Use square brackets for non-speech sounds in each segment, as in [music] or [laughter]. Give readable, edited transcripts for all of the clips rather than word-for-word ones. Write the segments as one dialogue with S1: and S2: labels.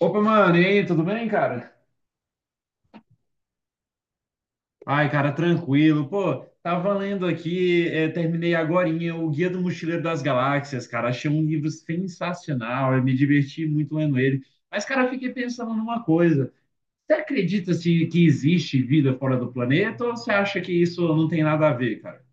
S1: Opa, mano, e aí, tudo bem, cara? Ai, cara, tranquilo. Pô, tava lendo aqui, é, terminei agorinha o Guia do Mochileiro das Galáxias, cara. Achei um livro sensacional, eu me diverti muito lendo ele. Mas, cara, eu fiquei pensando numa coisa. Você acredita, assim, que existe vida fora do planeta ou você acha que isso não tem nada a ver, cara?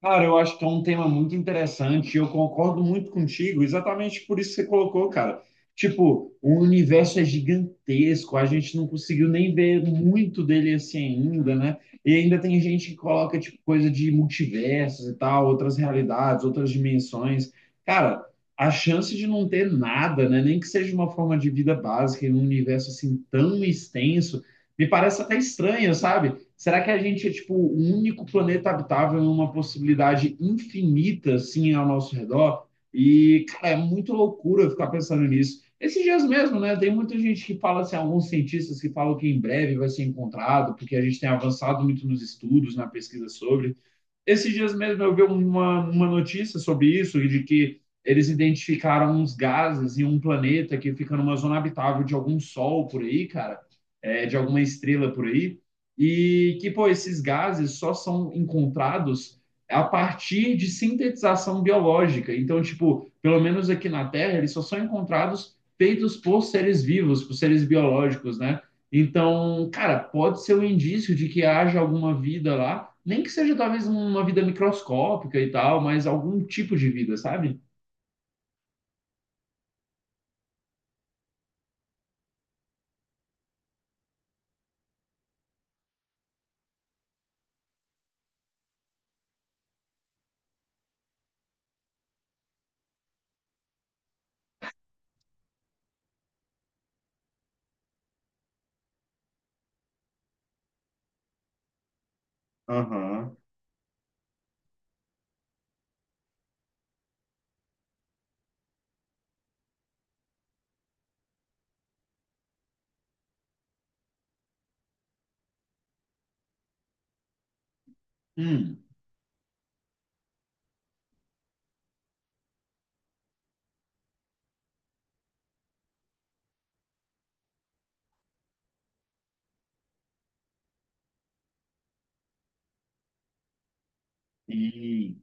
S1: Cara, eu acho que é um tema muito interessante e eu concordo muito contigo, exatamente por isso que você colocou, cara. Tipo, o universo é gigantesco, a gente não conseguiu nem ver muito dele assim ainda, né? E ainda tem gente que coloca, tipo, coisa de multiversos e tal, outras realidades, outras dimensões. Cara, a chance de não ter nada, né? Nem que seja uma forma de vida básica em um universo assim tão extenso, me parece até estranha, sabe? Será que a gente é tipo o único planeta habitável em uma possibilidade infinita assim ao nosso redor? E cara, é muito loucura ficar pensando nisso. Esses dias mesmo, né? Tem muita gente que fala assim, alguns cientistas que falam que em breve vai ser encontrado, porque a gente tem avançado muito nos estudos, na pesquisa sobre. Esses dias mesmo eu vi uma notícia sobre isso, de que eles identificaram uns gases em um planeta que fica numa zona habitável de algum sol por aí, cara, é, de alguma estrela por aí, e que, pô, esses gases só são encontrados a partir de sintetização biológica. Então, tipo, pelo menos aqui na Terra, eles só são encontrados feitos por seres vivos, por seres biológicos, né? Então, cara, pode ser um indício de que haja alguma vida lá, nem que seja talvez uma vida microscópica e tal, mas algum tipo de vida, sabe? Aham. Hum. E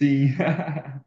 S1: sim. [laughs]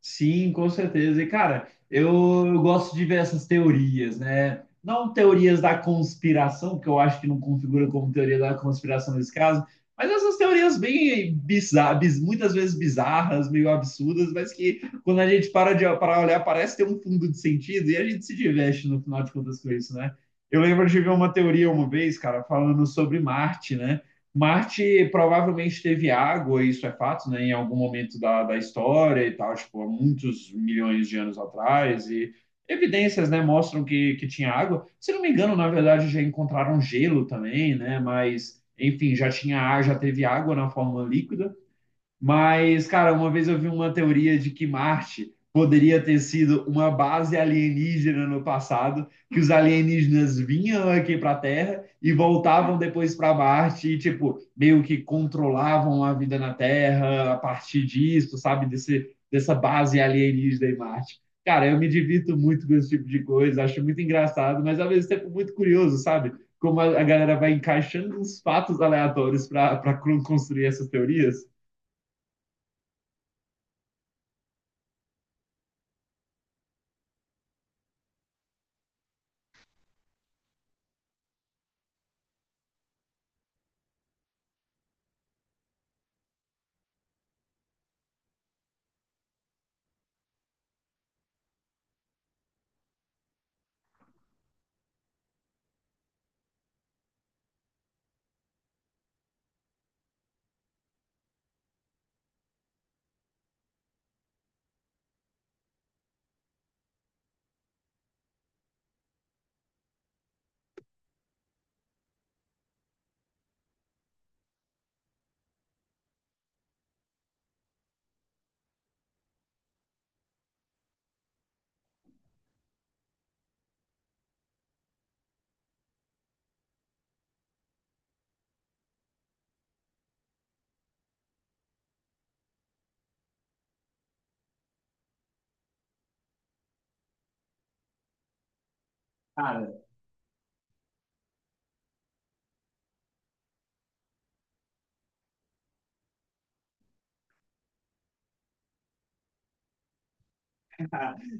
S1: Sim, com certeza. E, cara, eu gosto de ver essas teorias, né? Não teorias da conspiração, que eu acho que não configura como teoria da conspiração nesse caso, mas essas teorias bem bizarras, muitas vezes bizarras, meio absurdas, mas que quando a gente para olhar, parece ter um fundo de sentido e a gente se diverte no final de contas com isso, né? Eu lembro de ver uma teoria uma vez, cara, falando sobre Marte, né? Marte provavelmente teve água, isso é fato, né, em algum momento da história e tal, tipo, há muitos milhões de anos atrás, e evidências, né, mostram que tinha água. Se não me engano, na verdade, já encontraram gelo também, né, mas, enfim, já teve água na forma líquida. Mas, cara, uma vez eu vi uma teoria de que Marte poderia ter sido uma base alienígena no passado, que os alienígenas vinham aqui para a Terra e voltavam depois para Marte e, tipo, meio que controlavam a vida na Terra a partir disso, sabe? Desse, dessa base alienígena em Marte. Cara, eu me divirto muito com esse tipo de coisa, acho muito engraçado, mas ao mesmo tempo muito curioso, sabe? Como a galera vai encaixando uns fatos aleatórios para construir essas teorias.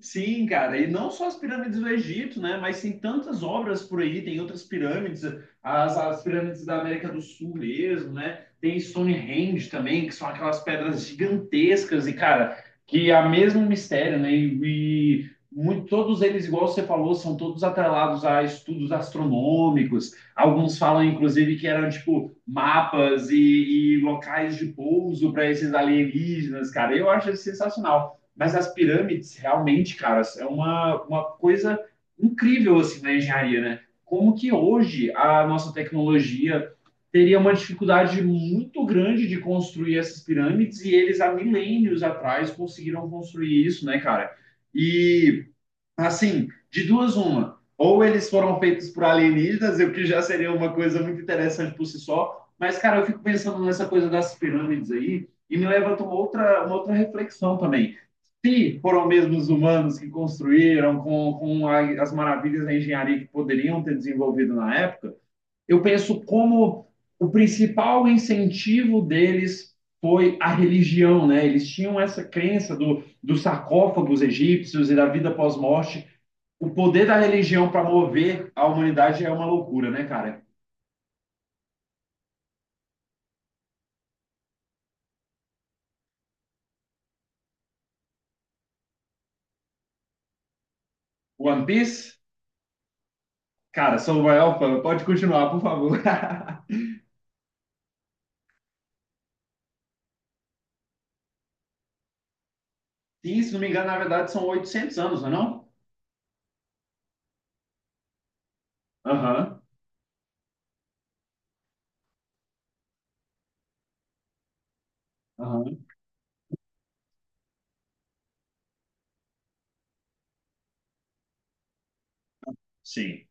S1: Sim, cara, e não só as pirâmides do Egito, né? Mas tem tantas obras por aí, tem outras pirâmides, as pirâmides da América do Sul mesmo, né? Tem Stonehenge também, que são aquelas pedras gigantescas e, cara, que é o mesmo mistério, né? E muito, todos eles, igual você falou, são todos atrelados a estudos astronômicos. Alguns falam, inclusive, que eram, tipo, mapas e locais de pouso para esses alienígenas, cara. Eu acho isso sensacional. Mas as pirâmides, realmente, cara, é uma coisa incrível, assim, na engenharia, né? Como que hoje a nossa tecnologia teria uma dificuldade muito grande de construir essas pirâmides e eles há milênios atrás conseguiram construir isso, né, cara? E assim, de duas, uma. Ou eles foram feitos por alienígenas, o que já seria uma coisa muito interessante por si só. Mas, cara, eu fico pensando nessa coisa das pirâmides aí e me levanta uma outra reflexão também. Se foram mesmo os humanos que construíram com as maravilhas da engenharia que poderiam ter desenvolvido na época, eu penso como o principal incentivo deles foi a religião, né? Eles tinham essa crença dos sarcófagos egípcios e da vida pós-morte. O poder da religião para mover a humanidade é uma loucura, né, cara? One Piece, cara, sou o maior fã. Pode continuar, por favor. [laughs] E, se não me engano, na verdade, são 800 anos, não é não? Aham, aham, sim.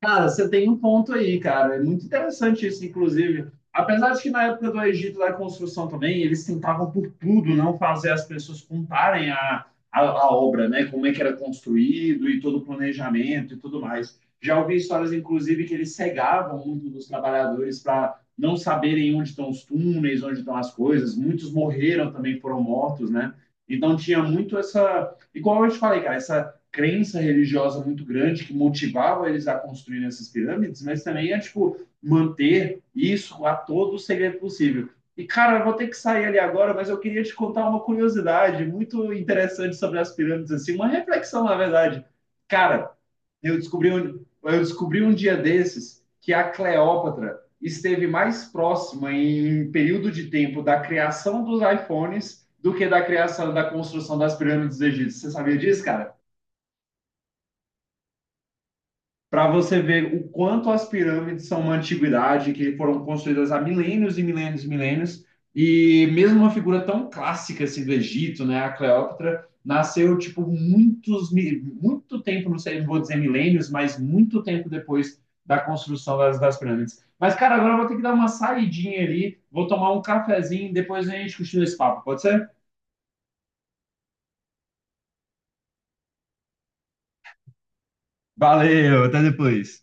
S1: Cara, você tem um ponto aí, cara. É muito interessante isso, inclusive. Apesar de que na época do Egito da construção também, eles tentavam por tudo não fazer as pessoas contarem a, a obra, né? Como é que era construído e todo o planejamento e tudo mais. Já ouvi histórias, inclusive, que eles cegavam muito dos trabalhadores para não saberem onde estão os túneis, onde estão as coisas. Muitos morreram também, foram mortos, né? Então tinha muito essa, igual eu te falei, cara, essa crença religiosa muito grande que motivava eles a construir essas pirâmides, mas também é, tipo, manter isso a todo o segredo possível. E, cara, eu vou ter que sair ali agora, mas eu queria te contar uma curiosidade muito interessante sobre as pirâmides, assim, uma reflexão, na verdade. Cara, eu descobri um dia desses que a Cleópatra esteve mais próxima em período de tempo da criação dos iPhones do que da criação da construção das pirâmides egípcias. Você sabia disso, cara? Para você ver o quanto as pirâmides são uma antiguidade, que foram construídas há milênios e milênios e milênios, e mesmo uma figura tão clássica assim do Egito, né, a Cleópatra, nasceu tipo muito tempo, não sei, não vou dizer milênios, mas muito tempo depois da construção das pirâmides. Mas cara, agora eu vou ter que dar uma saidinha ali, vou tomar um cafezinho, depois a gente continua esse papo, pode ser? Valeu, até depois.